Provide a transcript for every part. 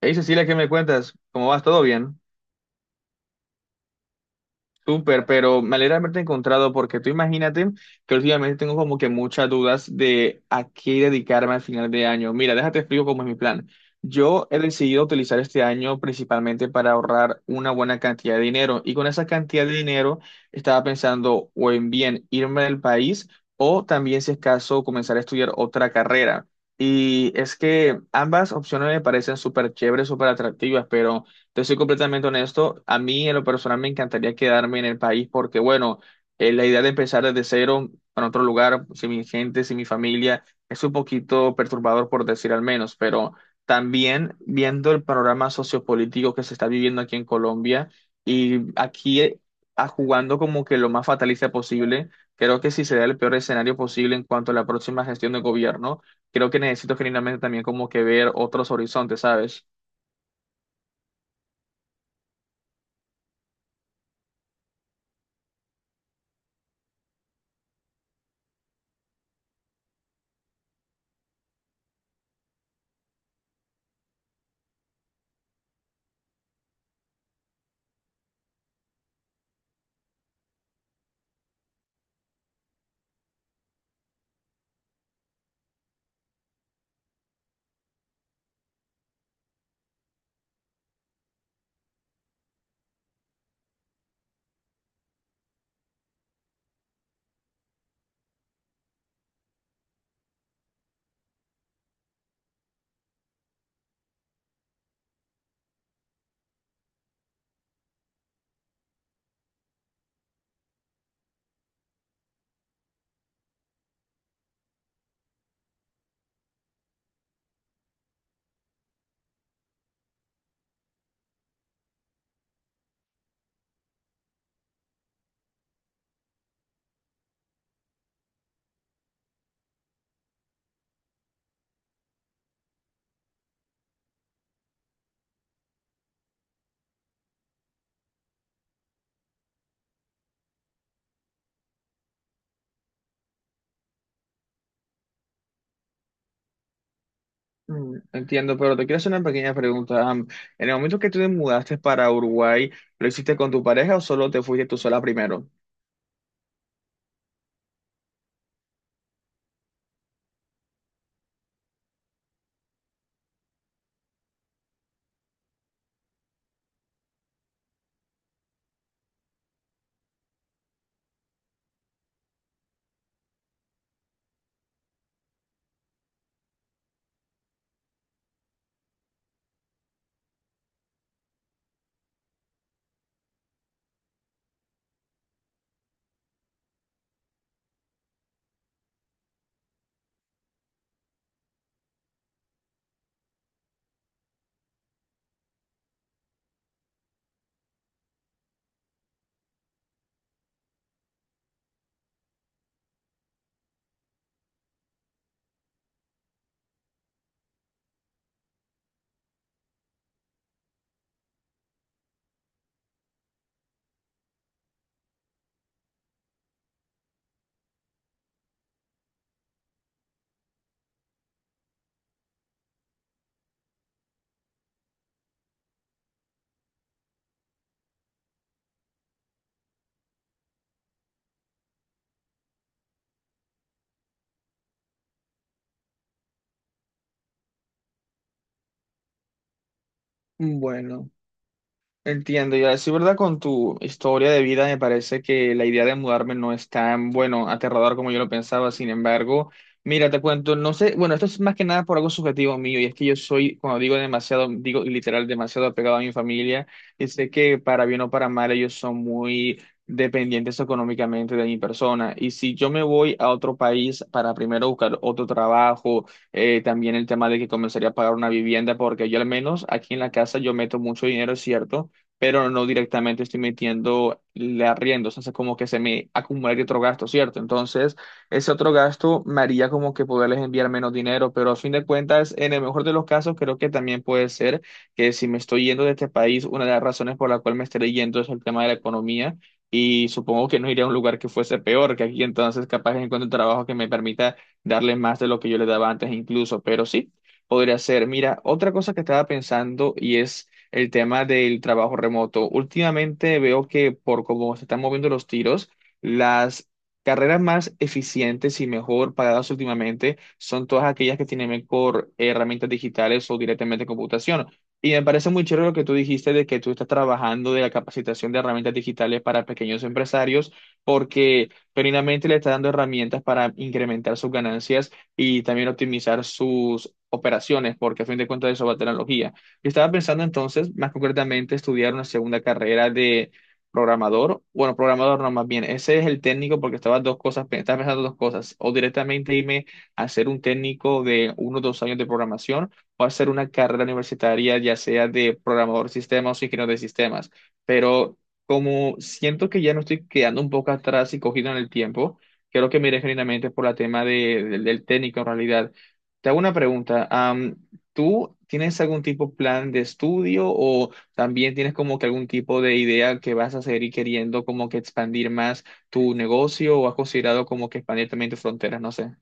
Hey Cecilia, ¿qué me cuentas? ¿Cómo vas? ¿Todo bien? Súper, pero me alegra haberte encontrado porque tú imagínate que últimamente tengo como que muchas dudas de a qué dedicarme al final de año. Mira, déjate explico cómo es mi plan. Yo he decidido utilizar este año principalmente para ahorrar una buena cantidad de dinero y con esa cantidad de dinero estaba pensando o en bien irme del país o también si es caso comenzar a estudiar otra carrera. Y es que ambas opciones me parecen súper chéveres, súper atractivas, pero... Te soy completamente honesto, a mí en lo personal me encantaría quedarme en el país porque, bueno, la idea de empezar desde cero en otro lugar, sin mi gente, sin mi familia, es un poquito perturbador por decir al menos, pero también viendo el panorama sociopolítico que se está viviendo aquí en Colombia y aquí jugando como que lo más fatalista posible, creo que si se da el peor escenario posible en cuanto a la próxima gestión de gobierno, creo que necesito genuinamente también como que ver otros horizontes, ¿sabes? Mm, entiendo, pero te quiero hacer una pequeña pregunta. En el momento que tú te mudaste para Uruguay, ¿lo hiciste con tu pareja o solo te fuiste tú sola primero? Bueno. Entiendo, y así, ¿verdad? Con tu historia de vida, me parece que la idea de mudarme no es tan, bueno, aterrador como yo lo pensaba. Sin embargo, mira, te cuento, no sé, bueno, esto es más que nada por algo subjetivo mío, y es que yo soy, cuando digo demasiado, digo literal, demasiado apegado a mi familia, y sé que para bien o para mal, ellos son muy dependientes económicamente de mi persona. Y si yo me voy a otro país para primero buscar otro trabajo, también el tema de que comenzaría a pagar una vivienda, porque yo al menos aquí en la casa yo meto mucho dinero, es cierto, pero no directamente estoy metiendo el arriendo, o sea, hace como que se me acumularía otro gasto, ¿cierto? Entonces, ese otro gasto me haría como que poderles enviar menos dinero, pero a fin de cuentas, en el mejor de los casos, creo que también puede ser que si me estoy yendo de este país, una de las razones por la cual me estaré yendo es el tema de la economía. Y supongo que no iría a un lugar que fuese peor que aquí, entonces capaz encuentro un trabajo que me permita darle más de lo que yo le daba antes incluso, pero sí, podría ser. Mira, otra cosa que estaba pensando y es el tema del trabajo remoto. Últimamente veo que por cómo se están moviendo los tiros, las carreras más eficientes y mejor pagadas últimamente son todas aquellas que tienen mejor herramientas digitales o directamente computación. Y me parece muy chévere lo que tú dijiste de que tú estás trabajando de la capacitación de herramientas digitales para pequeños empresarios, porque genuinamente le está dando herramientas para incrementar sus ganancias y también optimizar sus operaciones, porque a fin de cuentas eso va a tener tecnología. Yo estaba pensando entonces, más concretamente, estudiar una segunda carrera de programador. Bueno, programador no, más bien, ese es el técnico porque estaba dos cosas, estaba pensando dos cosas. O directamente irme a ser un técnico de uno o dos años de programación o hacer una carrera universitaria, ya sea de programador de sistemas o ingeniero de sistemas. Pero como siento que ya me estoy quedando un poco atrás y cogido en el tiempo, creo que me iré genuinamente por la tema del técnico en realidad. Te hago una pregunta. ¿Tú tienes algún tipo de plan de estudio o también tienes como que algún tipo de idea que vas a seguir queriendo como que expandir más tu negocio o has considerado como que expandir también tus fronteras? No sé.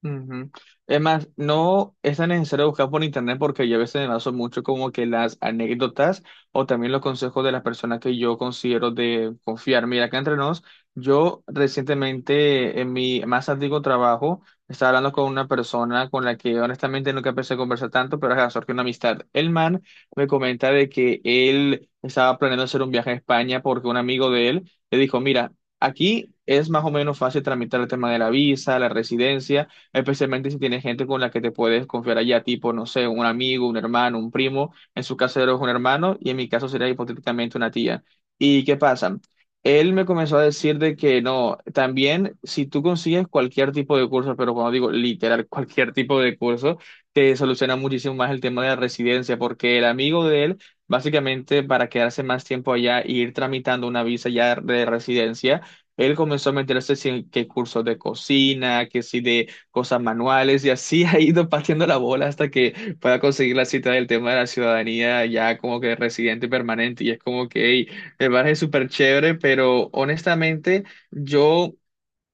Ujú. Es más, no es tan necesario buscar por internet porque yo a veces me baso mucho como que las anécdotas o también los consejos de las personas que yo considero de confiar. Mira, acá entre nos, yo recientemente en mi más antiguo trabajo estaba hablando con una persona con la que honestamente nunca pensé conversar tanto, pero ajá, surgió una amistad. El man me comenta de que él estaba planeando hacer un viaje a España porque un amigo de él le dijo, mira, aquí es más o menos fácil tramitar el tema de la visa, la residencia especialmente si tienes gente con la que te puedes confiar allá, tipo, no sé, un amigo, un hermano, un primo, en su caso es un hermano y en mi caso sería hipotéticamente una tía. ¿Y qué pasa? Él me comenzó a decir de que no, también si tú consigues cualquier tipo de curso, pero cuando digo literal cualquier tipo de curso, te soluciona muchísimo más el tema de la residencia, porque el amigo de él, básicamente para quedarse más tiempo allá e ir tramitando una visa ya de residencia, él comenzó a meterse si en que cursos de cocina, que si de cosas manuales y así ha ido pateando la bola hasta que pueda conseguir la cita del tema de la ciudadanía ya como que residente permanente y es como que hey, me parece súper chévere, pero honestamente yo...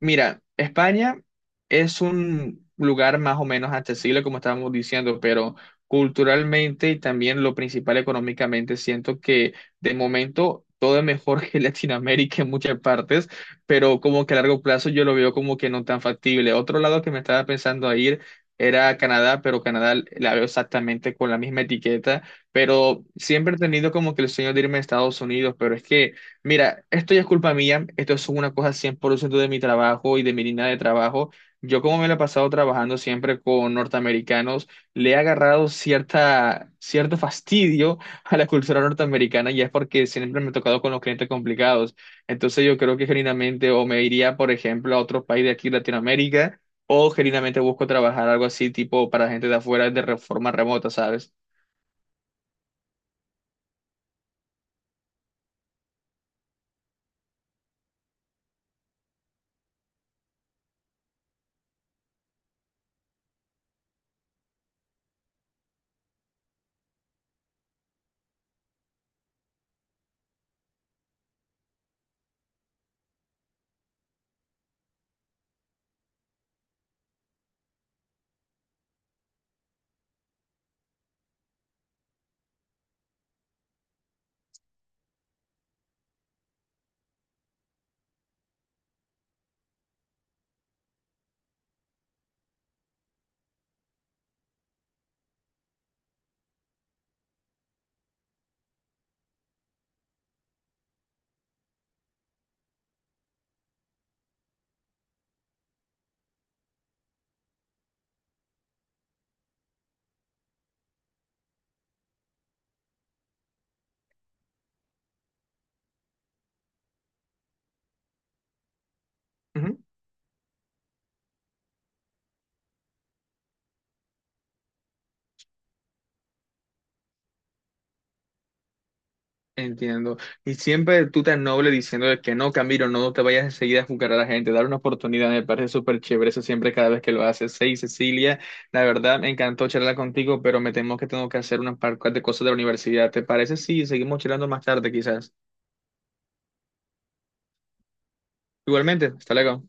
Mira, España es un lugar más o menos accesible, como estábamos diciendo, pero culturalmente y también lo principal económicamente, siento que de momento todo es mejor que Latinoamérica en muchas partes, pero como que a largo plazo yo lo veo como que no tan factible. Otro lado que me estaba pensando a ir era a Canadá, pero Canadá la veo exactamente con la misma etiqueta, pero siempre he tenido como que el sueño de irme a Estados Unidos, pero es que... Mira, esto ya es culpa mía, esto es una cosa 100% de mi trabajo y de mi línea de trabajo. Yo como me la he pasado trabajando siempre con norteamericanos, le he agarrado cierta, cierto fastidio a la cultura norteamericana y es porque siempre me he tocado con los clientes complicados. Entonces yo creo que genuinamente o me iría, por ejemplo, a otro país de aquí, Latinoamérica, o genuinamente busco trabajar algo así tipo para gente de afuera de forma remota, ¿sabes? Entiendo. Y siempre tú tan noble diciendo de que no, Camilo, no te vayas enseguida a juzgar a la gente, dar una oportunidad, me parece súper chévere eso siempre cada vez que lo haces. Sí, Cecilia, la verdad me encantó charlar contigo, pero me temo que tengo que hacer unas par de cosas de la universidad. ¿Te parece? Sí, seguimos charlando más tarde quizás. Igualmente, hasta luego.